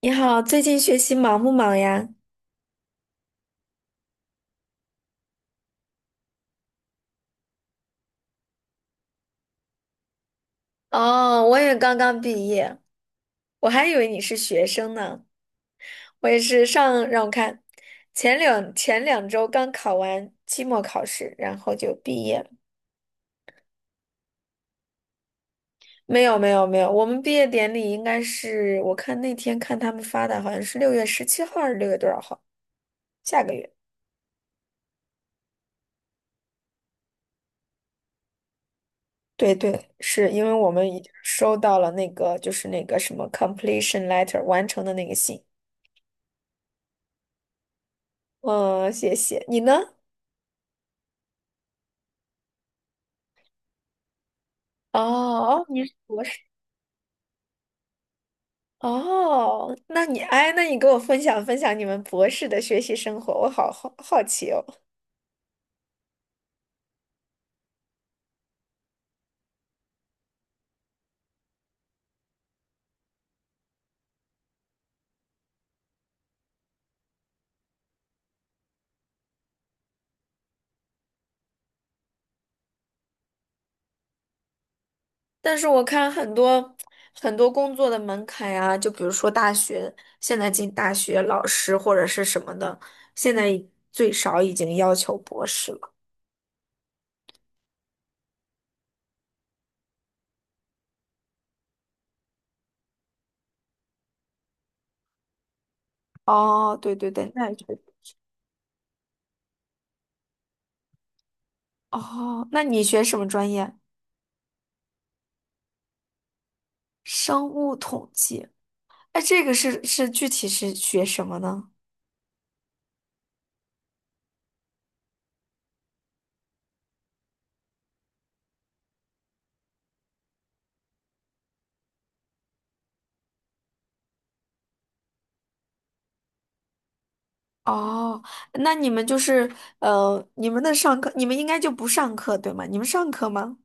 你好，最近学习忙不忙呀？哦，我也刚刚毕业，我还以为你是学生呢。我也是上，让我看，前两周刚考完期末考试，然后就毕业了。没有没有没有，我们毕业典礼应该是，我看那天看他们发的，好像是六月十七号还是六月多少号？下个月。对对，是因为我们已经收到了那个就是那个 completion letter 完成的那个信。嗯，谢谢。你呢？哦哦,你是博士。哦，那你哎，那你给我分享分享你们博士的学习生活，我好好奇哦。但是我看很多工作的门槛呀、就比如说大学，现在进大学老师或者是什么的，现在已最少已经要求博士了。哦，对对对，那也确实。哦，那你学什么专业？生物统计。哎，这个具体是学什么呢？哦，那你们就是你们的上课，你们应该就不上课，对吗？你们上课吗？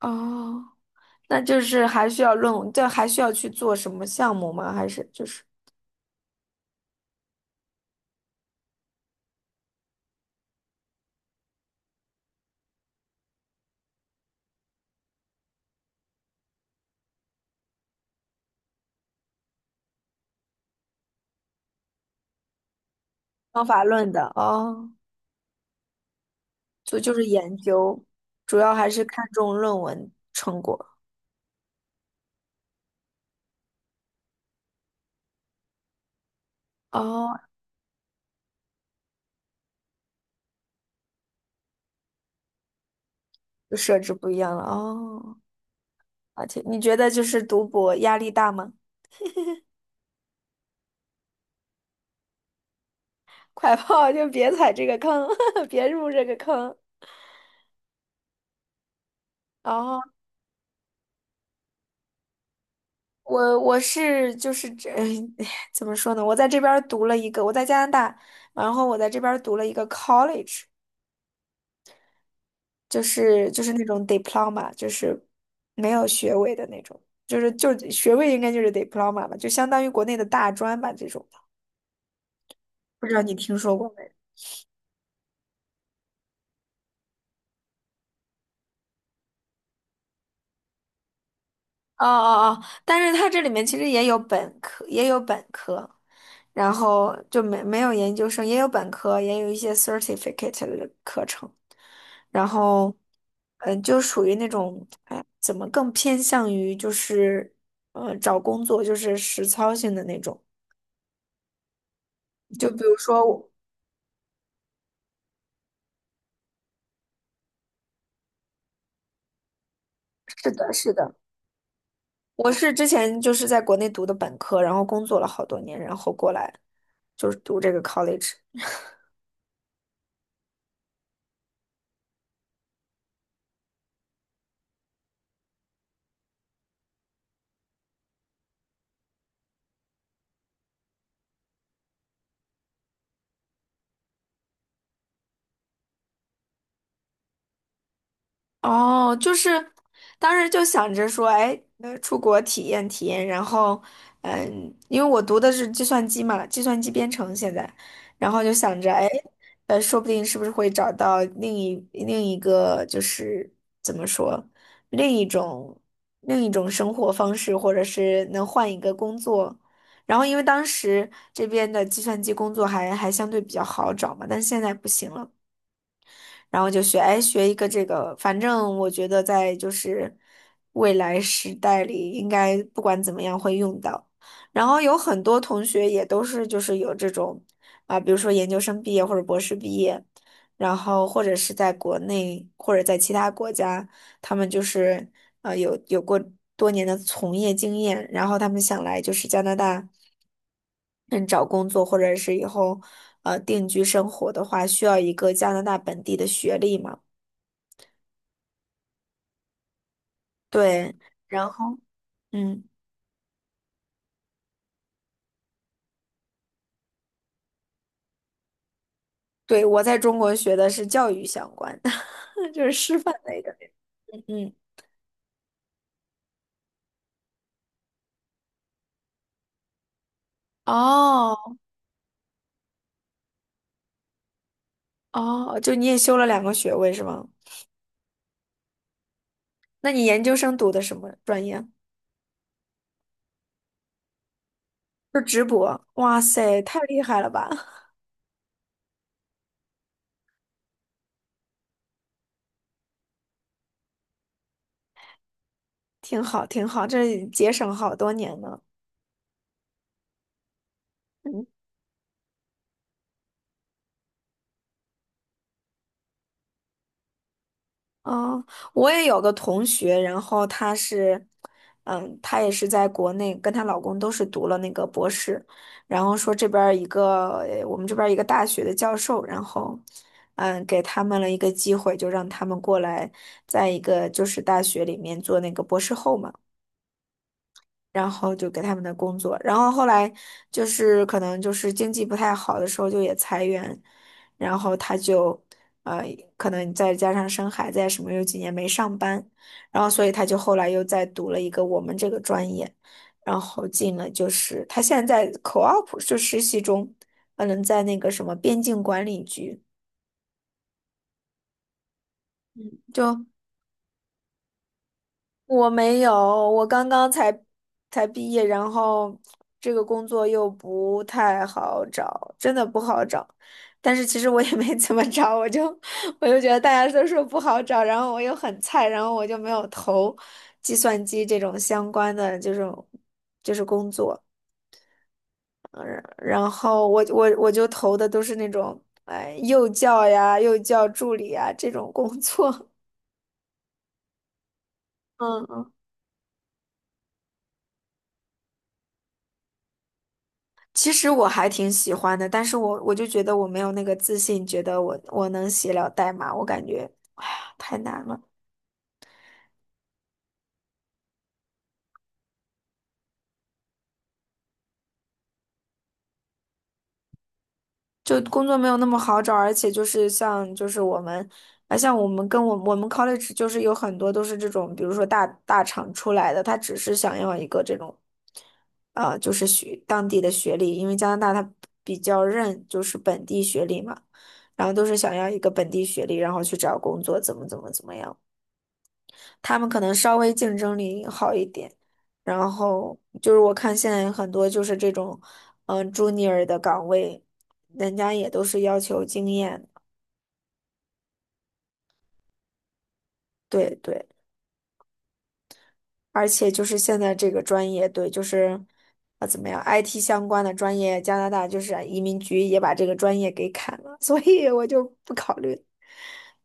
哦，那就是还需要论文，这还需要去做什么项目吗？还是就是方法论的？哦，就就是研究，主要还是看重论文成果。哦，就设置不一样了。哦，而且你觉得就是读博压力大吗？快跑，就别踩这个坑，别入这个坑。哦。我是 怎么说呢？我在这边儿读了一个，我在加拿大，然后我在这边儿读了一个 college，就是那种 diploma，就是没有学位的那种，就是学位应该就是 diploma 吧，就相当于国内的大专吧这种的。不知道你听说过没？哦，但是它这里面其实也有本科，也有本科，然后就没没有研究生，也有本科，也有一些 certificate 的课程，然后，嗯、就属于那种，哎，怎么更偏向于就是，找工作就是实操性的那种，就比如说我，是的，是的，我是之前就是在国内读的本科，然后工作了好多年，然后过来就是读这个 college。哦，就是当时就想着说，哎，出国体验体验，然后，嗯，因为我读的是计算机嘛，计算机编程现在，然后就想着，哎，说不定是不是会找到另一个，就是怎么说，另一种另一种生活方式，或者是能换一个工作。然后，因为当时这边的计算机工作还相对比较好找嘛，但是现在不行了。然后就学，哎，学一个这个，反正我觉得在就是未来时代里，应该不管怎么样会用到。然后有很多同学也都是就是有这种啊，比如说研究生毕业或者博士毕业，然后或者是在国内或者在其他国家。他们就是有过多年的从业经验，然后他们想来就是加拿大，嗯，找工作或者是以后定居生活的话，需要一个加拿大本地的学历嘛？对，然后嗯，对，我在中国学的是教育相关的，就是师范类的，嗯，哦哦，就你也修了两个学位是吗？那你研究生读的什么专业？就直博，哇塞，太厉害了吧！挺好，挺好，这节省好多年呢。嗯，哦，我也有个同学，然后她是，嗯，她也是在国内，跟她老公都是读了那个博士，然后说这边儿一个，我们这边儿一个大学的教授，然后，嗯，给他们了一个机会，就让他们过来，在一个就是大学里面做那个博士后嘛。然后就给他们的工作，然后后来就是可能就是经济不太好的时候就也裁员，然后他就呃可能再加上生孩子呀什么，有几年没上班，然后所以他就后来又再读了一个我们这个专业，然后进了就是他现在在 co-op 就实习中，嗯，在那个什么边境管理局。就。我没有，我刚刚才才毕业，然后这个工作又不太好找，真的不好找。但是其实我也没怎么找，我就 我就觉得大家都说不好找，然后我又很菜，然后我就没有投计算机这种相关的这种就是工作。嗯，然后我就投的都是那种哎幼教呀、幼教助理呀这种工作。嗯嗯其实我还挺喜欢的，但是我就觉得我没有那个自信，觉得我能写了代码，我感觉，哎呀，太难了，就工作没有那么好找，而且就是像就是我们，啊，像我们跟我们 college 就是有很多都是这种，比如说大厂出来的，他只是想要一个这种，就是学当地的学历，因为加拿大它比较认就是本地学历嘛，然后都是想要一个本地学历，然后去找工作，怎么样。他们可能稍微竞争力好一点。然后就是我看现在很多就是这种，嗯，junior 的岗位，人家也都是要求经验的，对对，而且就是现在这个专业，对，就是啊怎么样，IT 相关的专业，加拿大就是啊移民局也把这个专业给砍了，所以我就不考虑，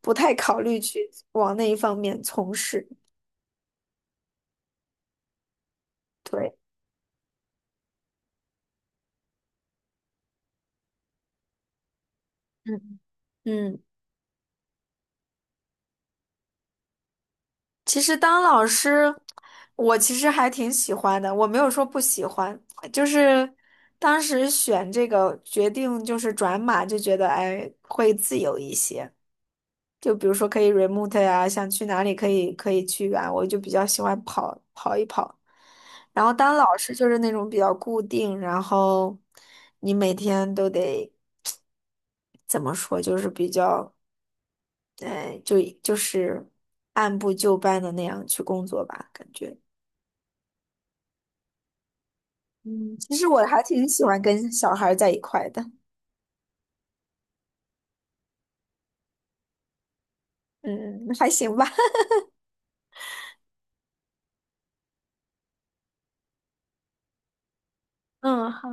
不太考虑去往那一方面从事，对，嗯嗯。其实当老师，我其实还挺喜欢的，我没有说不喜欢，就是当时选这个决定就是转码，就觉得哎会自由一些，就比如说可以 remote 呀、想去哪里可以可以去啊，我就比较喜欢跑一跑。然后当老师就是那种比较固定，然后你每天都得怎么说，就是比较，哎，就就是按部就班的那样去工作吧，感觉。嗯，其实我还挺喜欢跟小孩儿在一块的。嗯，还行吧。嗯，好，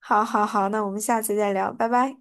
好，好，好，那我们下次再聊，拜拜。